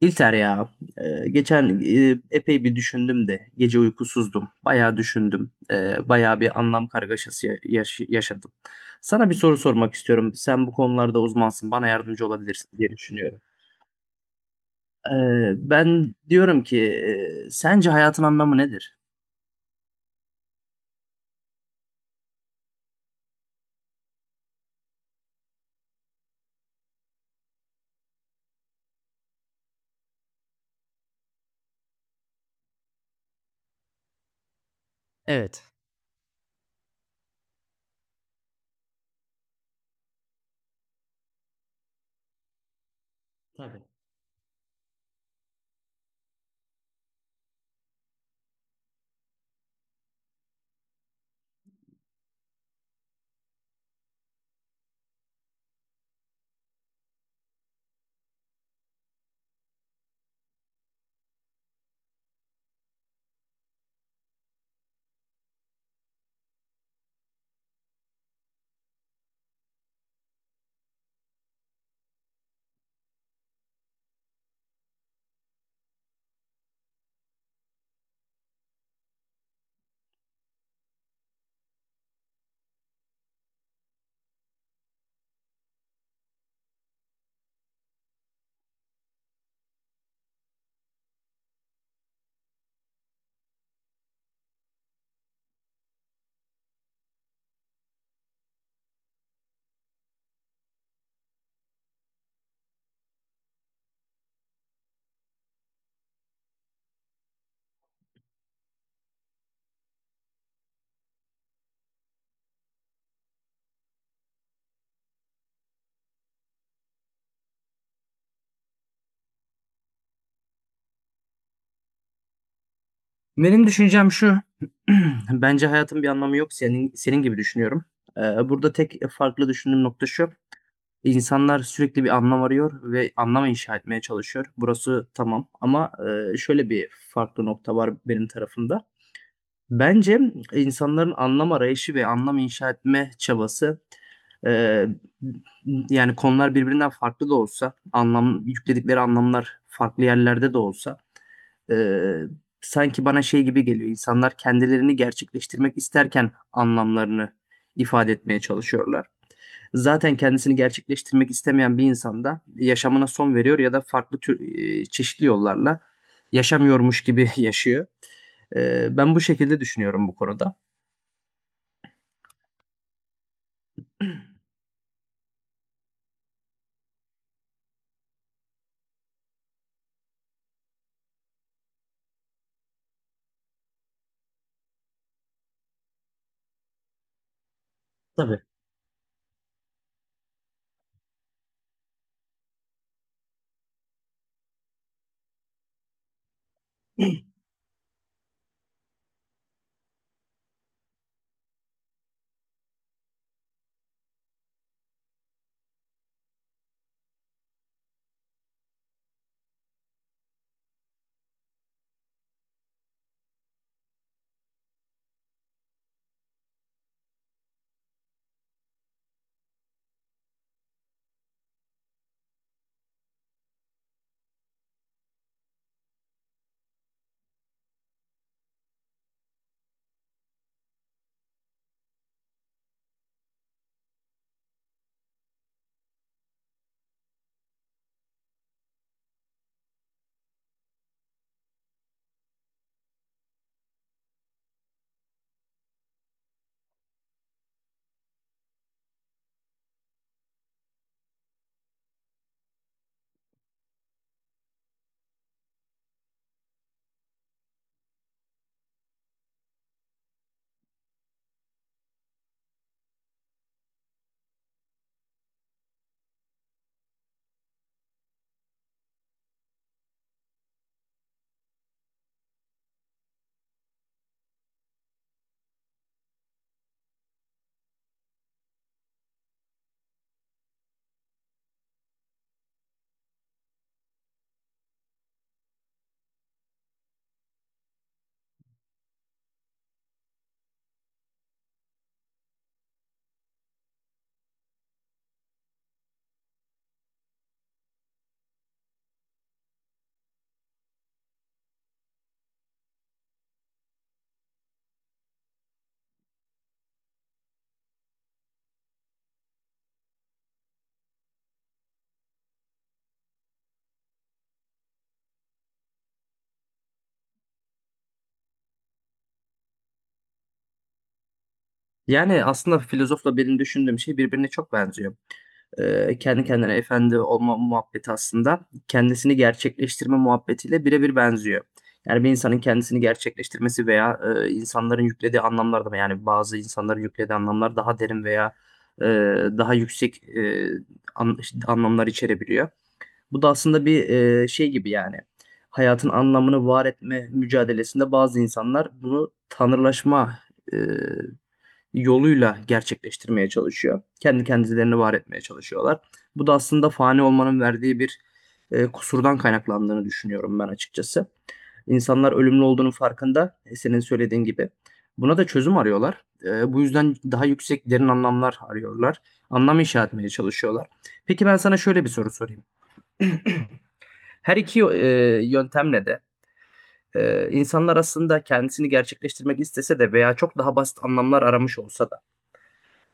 İlter ya, geçen epey bir düşündüm de gece uykusuzdum. Bayağı düşündüm. Bayağı bir anlam kargaşası yaşadım. Sana bir soru sormak istiyorum. Sen bu konularda uzmansın. Bana yardımcı olabilirsin diye düşünüyorum. E, Ben diyorum ki sence hayatın anlamı nedir? Evet. Tabii. Benim düşüncem şu. Bence hayatın bir anlamı yok. Senin gibi düşünüyorum. E, Burada tek farklı düşündüğüm nokta şu. İnsanlar sürekli bir anlam arıyor ve anlam inşa etmeye çalışıyor. Burası tamam ama şöyle bir farklı nokta var benim tarafımda. Bence insanların anlam arayışı ve anlam inşa etme çabası, eee, yani konular birbirinden farklı da olsa, anlam yükledikleri anlamlar farklı yerlerde de olsa, eee, sanki bana şey gibi geliyor. İnsanlar kendilerini gerçekleştirmek isterken anlamlarını ifade etmeye çalışıyorlar. Zaten kendisini gerçekleştirmek istemeyen bir insan da yaşamına son veriyor ya da farklı tür çeşitli yollarla yaşamıyormuş gibi yaşıyor. Ben bu şekilde düşünüyorum bu konuda. Yani aslında filozofla benim düşündüğüm şey birbirine çok benziyor. Kendi kendine efendi olma muhabbeti aslında kendisini gerçekleştirme muhabbetiyle birebir benziyor. Yani bir insanın kendisini gerçekleştirmesi veya, insanların yüklediği anlamlar da yani bazı insanların yüklediği anlamlar daha derin veya, daha yüksek, an işte, anlamlar içerebiliyor. Bu da aslında bir, şey gibi yani hayatın anlamını var etme mücadelesinde bazı insanlar bunu tanrılaşma, eee yoluyla gerçekleştirmeye çalışıyor. Kendi kendilerini var etmeye çalışıyorlar. Bu da aslında fani olmanın verdiği bir kusurdan kaynaklandığını düşünüyorum ben açıkçası. İnsanlar ölümlü olduğunun farkında, senin söylediğin gibi. Buna da çözüm arıyorlar. Bu yüzden daha yüksek, derin anlamlar arıyorlar. Anlam inşa etmeye çalışıyorlar. Peki ben sana şöyle bir soru sorayım. Her iki yöntemle de insanlar aslında kendisini gerçekleştirmek istese de veya çok daha basit anlamlar aramış olsa da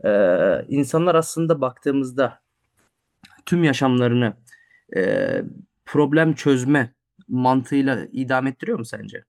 İnsanlar aslında baktığımızda tüm yaşamlarını e, problem çözme mantığıyla idame ettiriyor mu sence?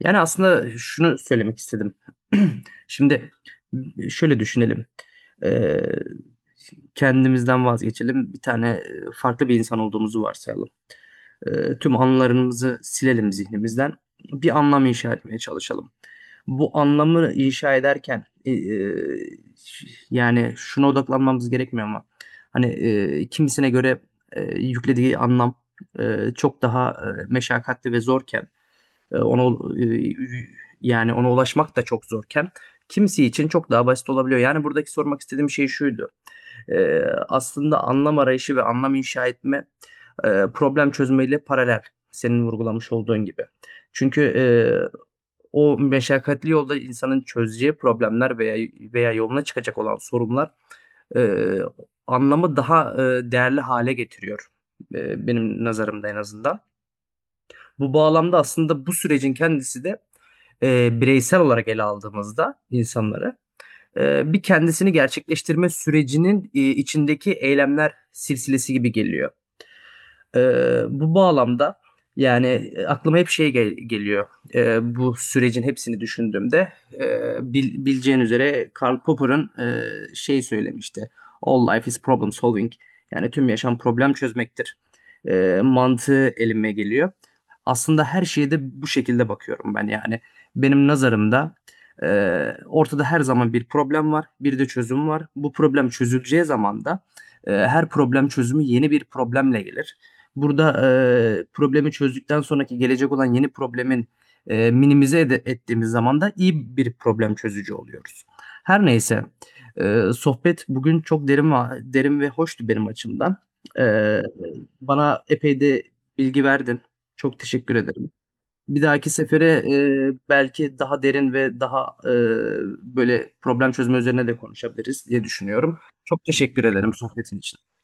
Yani aslında şunu söylemek istedim. Şimdi şöyle düşünelim. Ee, Kendimizden vazgeçelim. Bir tane farklı bir insan olduğumuzu varsayalım. Tüm anılarımızı silelim zihnimizden. Bir anlam inşa etmeye çalışalım. Bu anlamı inşa ederken yani şuna odaklanmamız gerekmiyor ama hani kimisine göre yüklediği anlam çok daha meşakkatli ve zorken ona yani ona ulaşmak da çok zorken kimisi için çok daha basit olabiliyor. Yani buradaki sormak istediğim şey şuydu. E, Aslında anlam arayışı ve anlam inşa etme problem çözmeyle paralel senin vurgulamış olduğun gibi. Çünkü, o meşakkatli yolda insanın çözeceği problemler veya yoluna çıkacak olan sorunlar, eee, anlamı daha, değerli hale getiriyor, benim nazarımda en azından. Bu bağlamda aslında bu sürecin kendisi de, bireysel olarak ele aldığımızda insanları, bir kendisini gerçekleştirme sürecinin, içindeki eylemler silsilesi gibi geliyor. Bu bağlamda, yani, aklıma hep şey geliyor, bu sürecin hepsini düşündüğümde, bileceğin üzere Karl Popper'ın, şey söylemişti, "All life is problem solving." Yani, "Tüm yaşam problem çözmektir." Mantığı elime geliyor. Aslında her şeye de bu şekilde bakıyorum ben, yani. Benim nazarımda, ortada her zaman bir problem var, bir de çözüm var. Bu problem çözüleceği zaman da, her problem çözümü yeni bir problemle gelir. Burada, problemi çözdükten sonraki gelecek olan yeni problemin, minimize ettiğimiz zaman da iyi bir problem çözücü oluyoruz. Her neyse, sohbet bugün çok derin ve hoştu benim açımdan. Eee, Bana epey de bilgi verdin. Çok teşekkür ederim. Bir dahaki sefere, belki daha derin ve daha, böyle problem çözme üzerine de konuşabiliriz diye düşünüyorum. Çok teşekkür ederim sohbetin için.